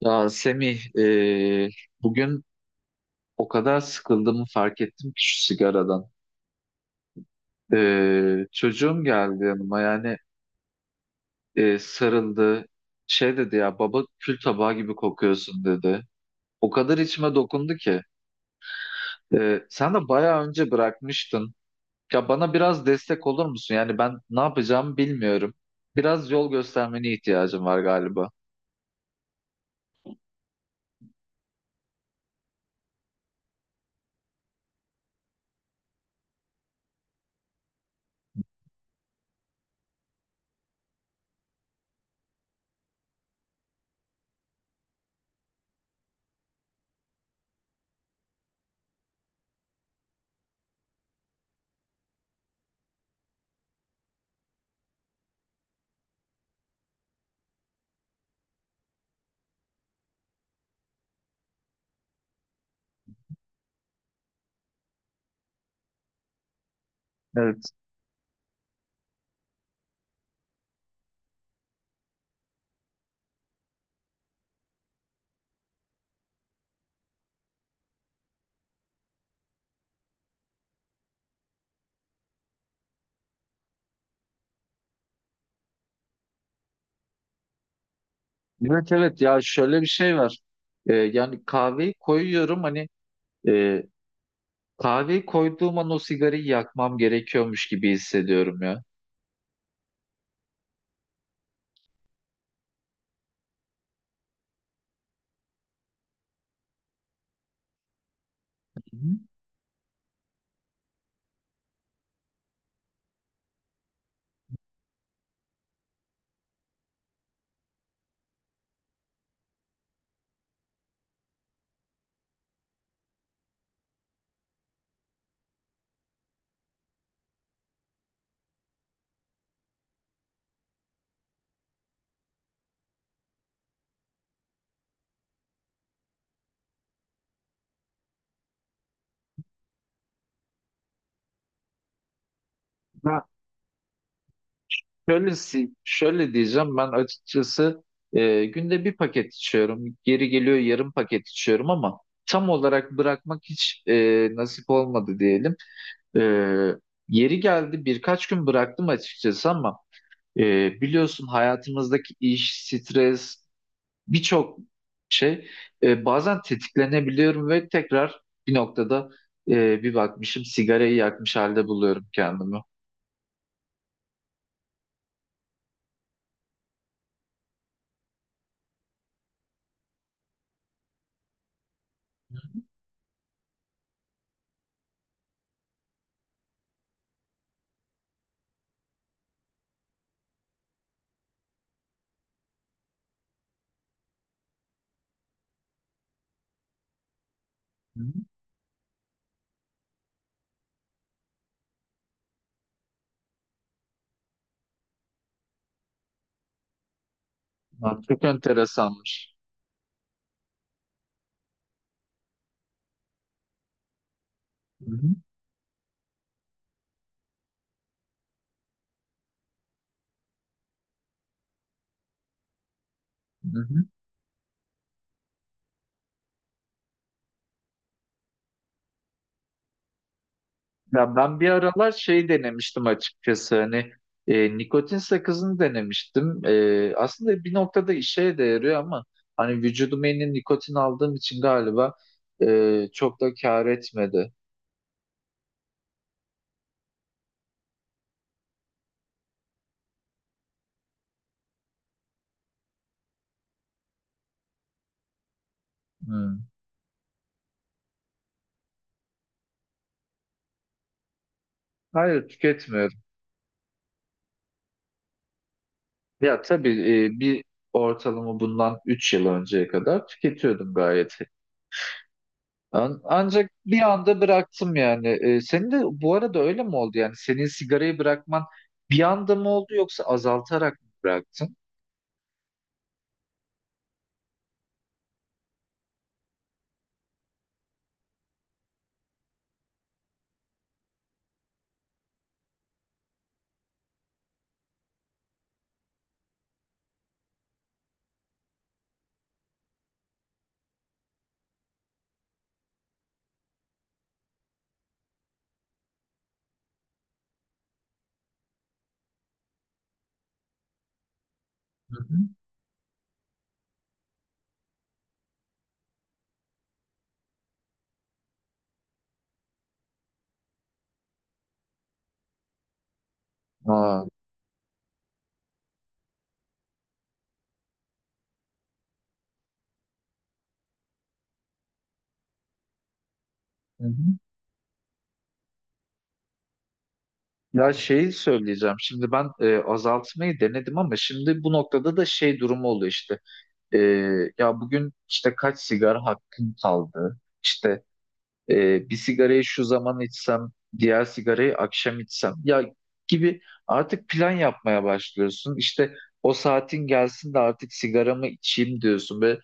Ya Semih, e, bugün o kadar sıkıldığımı fark ettim ki şu sigaradan. Çocuğum geldi yanıma yani sarıldı. Şey dedi ya baba kül tabağı gibi kokuyorsun dedi. O kadar içime dokundu ki. Sen de bayağı önce bırakmıştın. Ya bana biraz destek olur musun? Yani ben ne yapacağımı bilmiyorum. Biraz yol göstermene ihtiyacım var galiba. Evet. Evet, evet, ya şöyle bir şey var. Yani kahveyi koyuyorum hani e, Kahveyi koyduğum an o sigarayı yakmam gerekiyormuş gibi hissediyorum ya. Hı. Ben şöyle, şöyle diyeceğim ben açıkçası günde bir paket içiyorum. Geri geliyor yarım paket içiyorum ama tam olarak bırakmak hiç nasip olmadı diyelim. E, yeri geldi birkaç gün bıraktım açıkçası ama biliyorsun hayatımızdaki iş, stres, birçok şey bazen tetiklenebiliyorum ve tekrar bir noktada bir bakmışım sigarayı yakmış halde buluyorum kendimi. Hı hı. Lan çok enteresanmış. Hı hı, hı hı. Ya ben bir aralar şey denemiştim açıkçası hani nikotin sakızını denemiştim. Aslında bir noktada işe de yarıyor ama hani vücuduma yeni nikotin aldığım için galiba çok da kâr etmedi. Hı. Hayır, tüketmiyorum. Ya tabii bir ortalama bundan 3 yıl önceye kadar tüketiyordum gayet. Ancak bir anda bıraktım yani. Senin de bu arada öyle mi oldu yani? Senin sigarayı bırakman bir anda mı oldu yoksa azaltarak mı bıraktın? Hı hı. Aa, hı hı. Ya şeyi söyleyeceğim. Şimdi ben azaltmayı denedim ama şimdi bu noktada da şey durumu oluyor işte. E, ya bugün işte kaç sigara hakkım kaldı? İşte, bir sigarayı şu zaman içsem, diğer sigarayı akşam içsem ya gibi artık plan yapmaya başlıyorsun. İşte o saatin gelsin de artık sigaramı içeyim diyorsun ve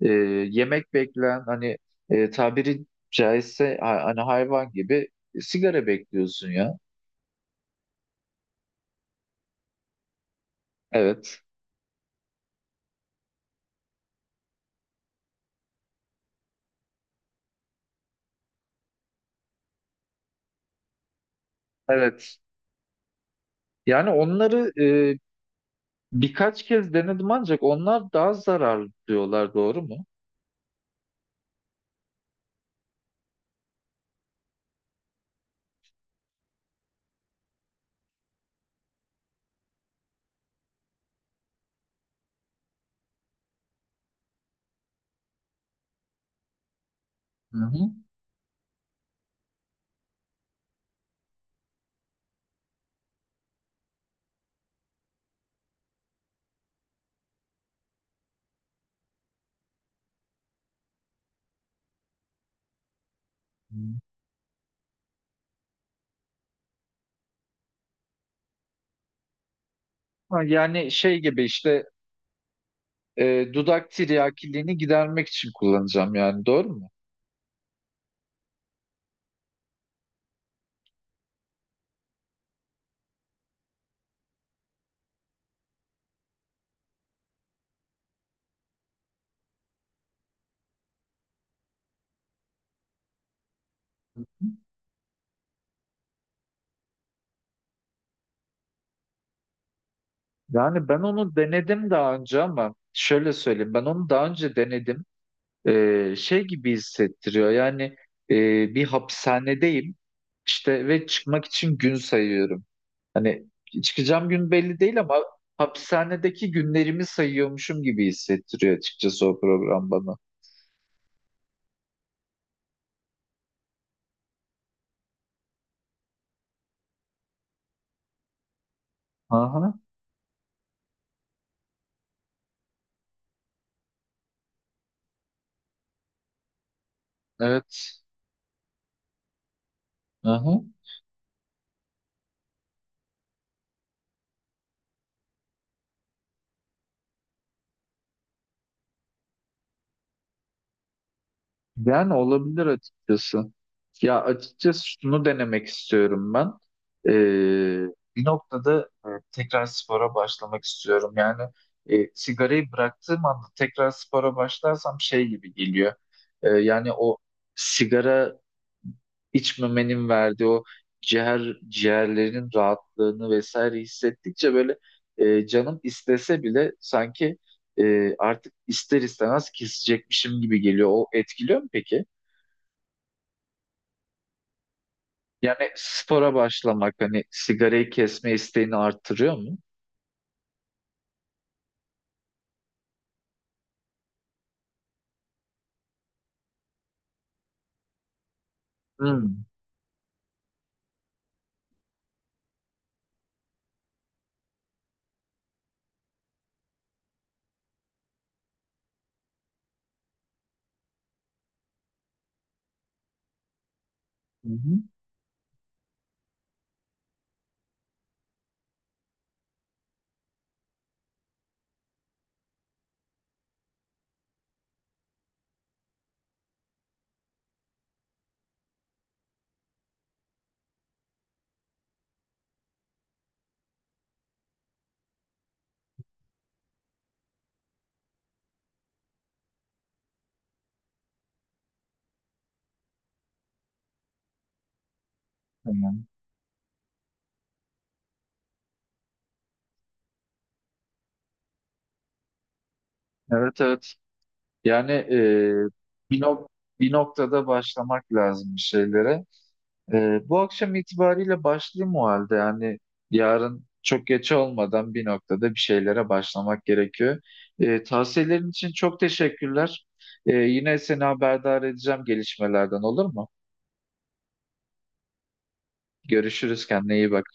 e, yemek bekleyen hani tabiri caizse hani hayvan gibi sigara bekliyorsun ya. Evet. Evet. Yani onları e, birkaç kez denedim ancak onlar daha zararlı diyorlar, doğru mu? Hı hı. Hı. Ha, yani şey gibi işte dudak tiryakiliğini gidermek için kullanacağım yani doğru mu? Yani ben onu denedim daha önce ama şöyle söyleyeyim, ben onu daha önce denedim. Şey gibi hissettiriyor yani e, bir hapishanedeyim işte ve çıkmak için gün sayıyorum. Hani çıkacağım gün belli değil ama hapishanedeki günlerimi sayıyormuşum gibi hissettiriyor açıkçası o program bana. Aha, evet. Aha. Yani olabilir açıkçası. Ya açıkçası şunu denemek istiyorum ben. Ee, bir noktada tekrar spora başlamak istiyorum. Yani sigarayı bıraktığım anda tekrar spora başlarsam şey gibi geliyor. Yani o sigara içmemenin verdiği o ciğerlerin rahatlığını vesaire hissettikçe böyle canım istese bile sanki artık ister istemez kesecekmişim gibi geliyor. O etkiliyor mu peki? Yani spora başlamak hani sigarayı kesme isteğini arttırıyor mu? Hmm. Hı hı. Tamam. Evet, evet. Yani bir, nok- bir noktada başlamak lazım bir şeylere. Bu akşam itibariyle başlayayım o halde. Yani yarın çok geç olmadan bir noktada bir şeylere başlamak gerekiyor. Tavsiyelerin için çok teşekkürler. Yine seni haberdar edeceğim gelişmelerden olur mu? Görüşürüz, kendine iyi bak.